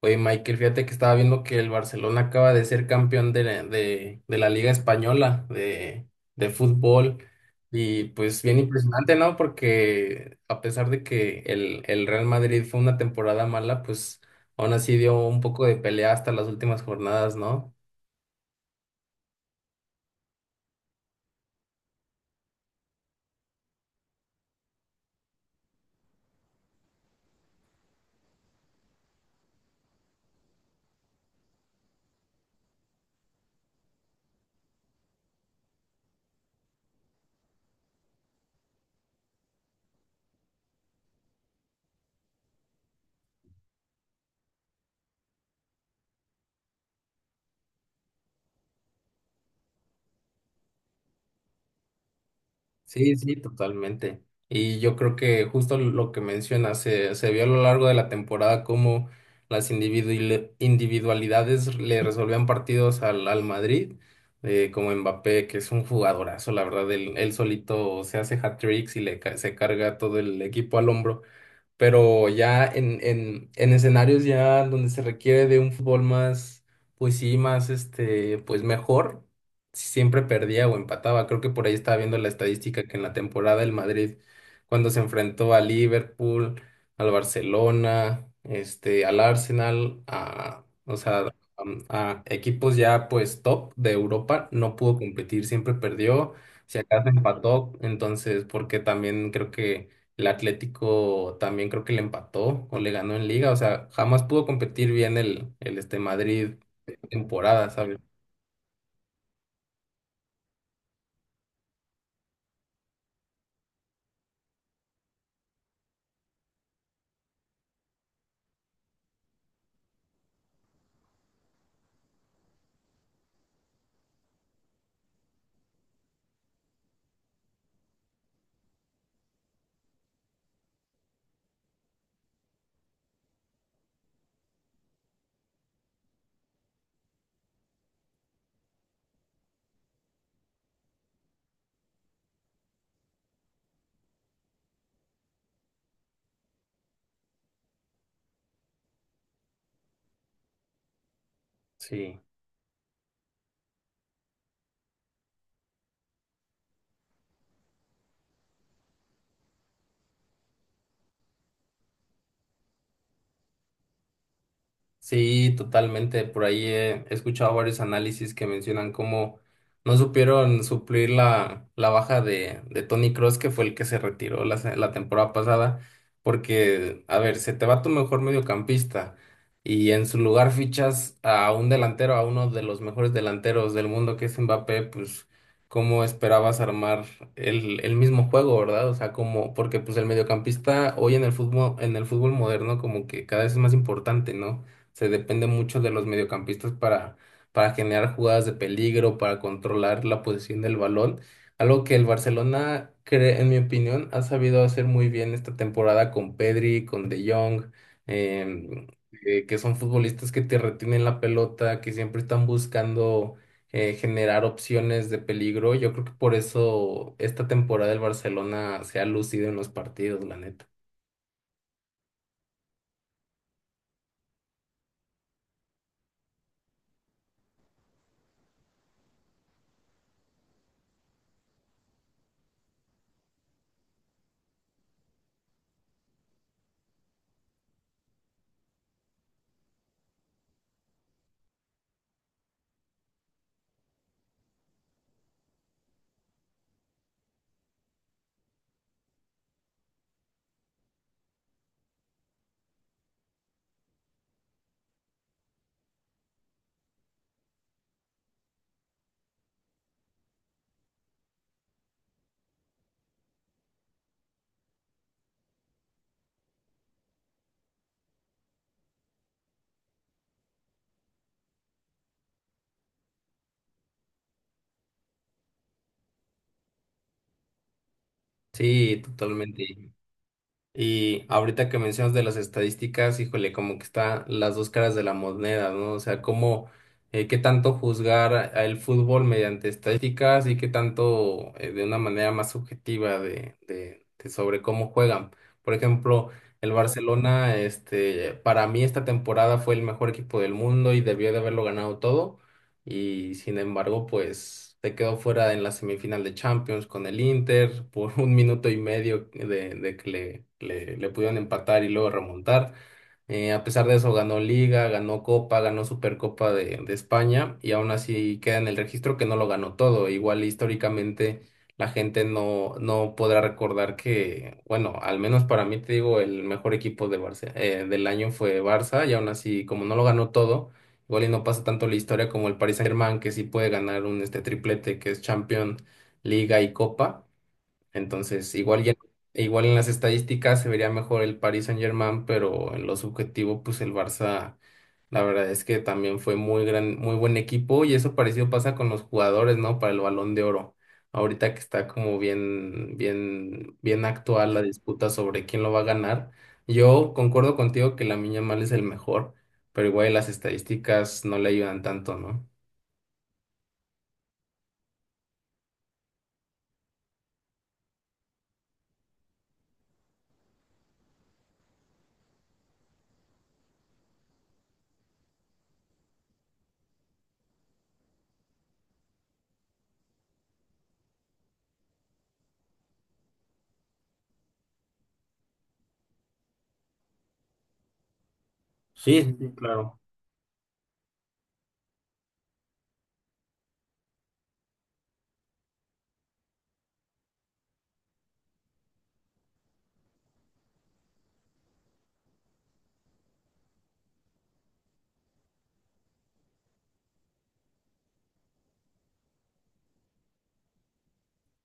Oye, Michael, fíjate que estaba viendo que el Barcelona acaba de ser campeón de la Liga Española de fútbol. Y pues bien impresionante, ¿no? Porque a pesar de que el Real Madrid fue una temporada mala, pues aún así dio un poco de pelea hasta las últimas jornadas, ¿no? Sí, sí, totalmente. Y yo creo que justo lo que mencionas, se vio a lo largo de la temporada cómo individualidades le resolvían partidos al Madrid, como Mbappé, que es un jugadorazo, la verdad, él solito se hace hat-tricks y se carga todo el equipo al hombro, pero ya en escenarios ya donde se requiere de un fútbol más, pues sí, más pues mejor, siempre perdía o empataba. Creo que por ahí estaba viendo la estadística que en la temporada el Madrid, cuando se enfrentó a Liverpool, al Barcelona, este, al Arsenal, a, o sea, a equipos ya pues top de Europa, no pudo competir, siempre perdió. Si acaso empató, entonces, porque también creo que el Atlético también creo que le empató o le ganó en liga. O sea, jamás pudo competir bien el este Madrid temporada, ¿sabes? Sí. Sí, totalmente. Por ahí he escuchado varios análisis que mencionan cómo no supieron suplir la baja de Tony Cross, que fue el que se retiró la temporada pasada, porque, a ver, se te va tu mejor mediocampista y en su lugar fichas a un delantero, a uno de los mejores delanteros del mundo, que es Mbappé, pues, ¿cómo esperabas armar el mismo juego, verdad? O sea, como, porque pues el mediocampista hoy en el fútbol moderno como que cada vez es más importante, ¿no? Se depende mucho de los mediocampistas para generar jugadas de peligro, para controlar la posición del balón. Algo que el Barcelona, en mi opinión, ha sabido hacer muy bien esta temporada con Pedri, con De Jong, em, que son futbolistas que te retienen la pelota, que siempre están buscando generar opciones de peligro. Yo creo que por eso esta temporada el Barcelona se ha lucido en los partidos, la neta. Sí, totalmente. Y ahorita que mencionas de las estadísticas, híjole, como que está las dos caras de la moneda, ¿no? O sea, cómo, qué tanto juzgar a el fútbol mediante estadísticas y qué tanto de una manera más subjetiva de sobre cómo juegan. Por ejemplo, el Barcelona, este, para mí esta temporada fue el mejor equipo del mundo y debió de haberlo ganado todo y sin embargo, pues se quedó fuera en la semifinal de Champions con el Inter por un minuto y medio de que le pudieron empatar y luego remontar. A pesar de eso, ganó Liga, ganó Copa, ganó Supercopa de España y aún así queda en el registro que no lo ganó todo. Igual históricamente la gente no podrá recordar que, bueno, al menos para mí te digo, el mejor equipo de del año fue Barça y aún así como no lo ganó todo, igual y no pasa tanto la historia como el Paris Saint-Germain, que sí puede ganar un este triplete, que es Champions, Liga y Copa. Entonces, igual, igual en las estadísticas se vería mejor el Paris Saint-Germain, pero en lo subjetivo, pues el Barça, la verdad es que también fue muy gran, muy buen equipo, y eso parecido pasa con los jugadores, ¿no? Para el Balón de Oro. Ahorita que está como bien, bien, bien actual la disputa sobre quién lo va a ganar. Yo concuerdo contigo que la Lamine mal es el mejor, pero igual las estadísticas no le ayudan tanto, ¿no? Sí, sí, sí, claro.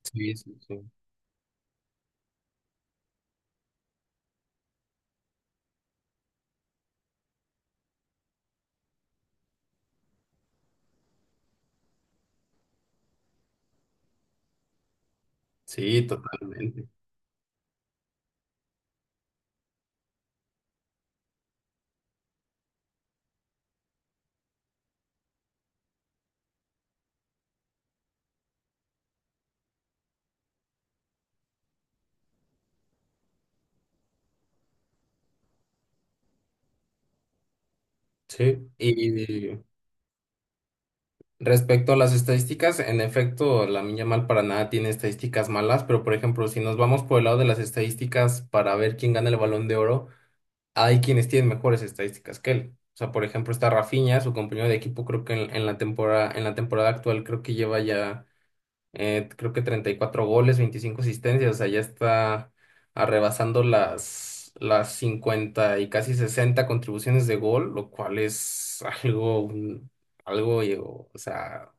Sí, sí, sí. Sí, totalmente. Sí. Respecto a las estadísticas, en efecto, la Lamine mal para nada tiene estadísticas malas, pero por ejemplo, si nos vamos por el lado de las estadísticas para ver quién gana el Balón de Oro, hay quienes tienen mejores estadísticas que él. O sea, por ejemplo, está Rafinha, su compañero de equipo, creo que en la temporada actual creo que lleva ya, creo que 34 goles, 25 asistencias, o sea, ya está arrebasando las 50 y casi 60 contribuciones de gol, lo cual es algo, o sea,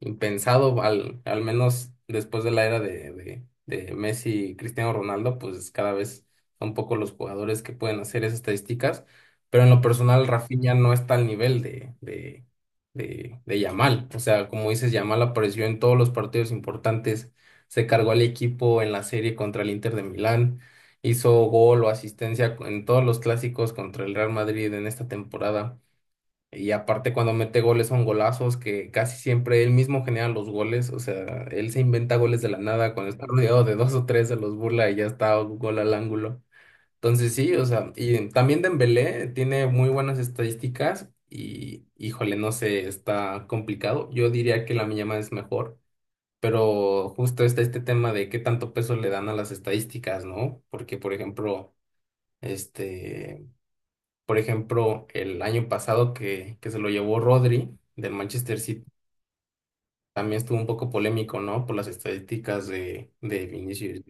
impensado, al menos después de la era de Messi y Cristiano Ronaldo, pues cada vez son pocos los jugadores que pueden hacer esas estadísticas, pero en lo personal Rafinha no está al nivel de Yamal, o sea, como dices, Yamal apareció en todos los partidos importantes, se cargó al equipo en la serie contra el Inter de Milán, hizo gol o asistencia en todos los clásicos contra el Real Madrid en esta temporada. Y aparte cuando mete goles son golazos que casi siempre él mismo genera los goles, o sea, él se inventa goles de la nada, cuando está rodeado de dos o tres se los burla y ya está gol al ángulo. Entonces sí, o sea, y también Dembélé tiene muy buenas estadísticas y híjole, no sé, está complicado. Yo diría que la Yamal es mejor, pero justo está este tema de qué tanto peso le dan a las estadísticas, ¿no? Porque por ejemplo, este el año pasado que se lo llevó Rodri del Manchester City, también estuvo un poco polémico, ¿no? Por las estadísticas de Vinicius.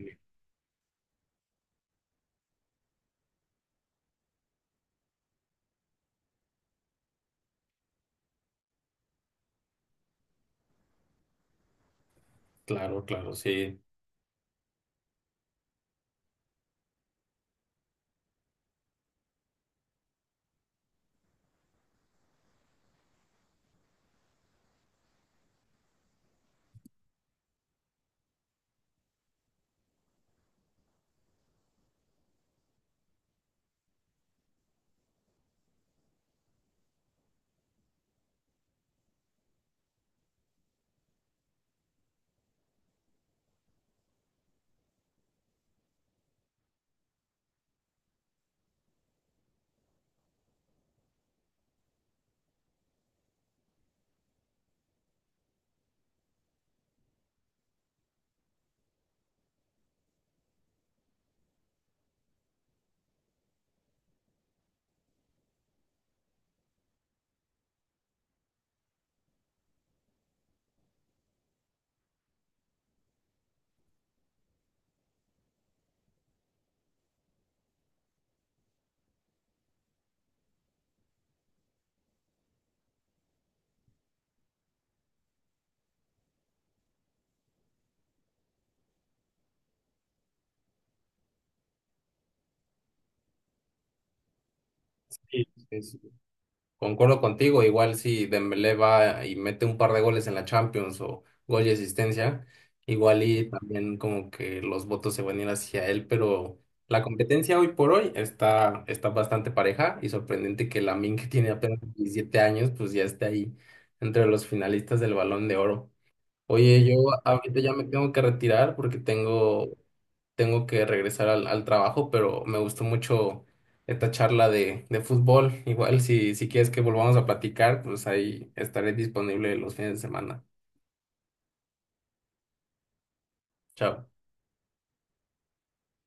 Claro, claro, sí. Sí. Concuerdo contigo, igual si Dembélé va y mete un par de goles en la Champions o gol y asistencia, igual y también como que los votos se van a ir hacia él, pero la competencia hoy por hoy está, está bastante pareja y sorprendente que Lamine, que tiene apenas 17 años, pues ya esté ahí entre los finalistas del Balón de Oro. Oye, yo ahorita ya me tengo que retirar porque tengo, tengo que regresar al trabajo, pero me gustó mucho esta charla de fútbol. Igual si quieres que volvamos a platicar, pues ahí estaré disponible los fines de semana. Chao.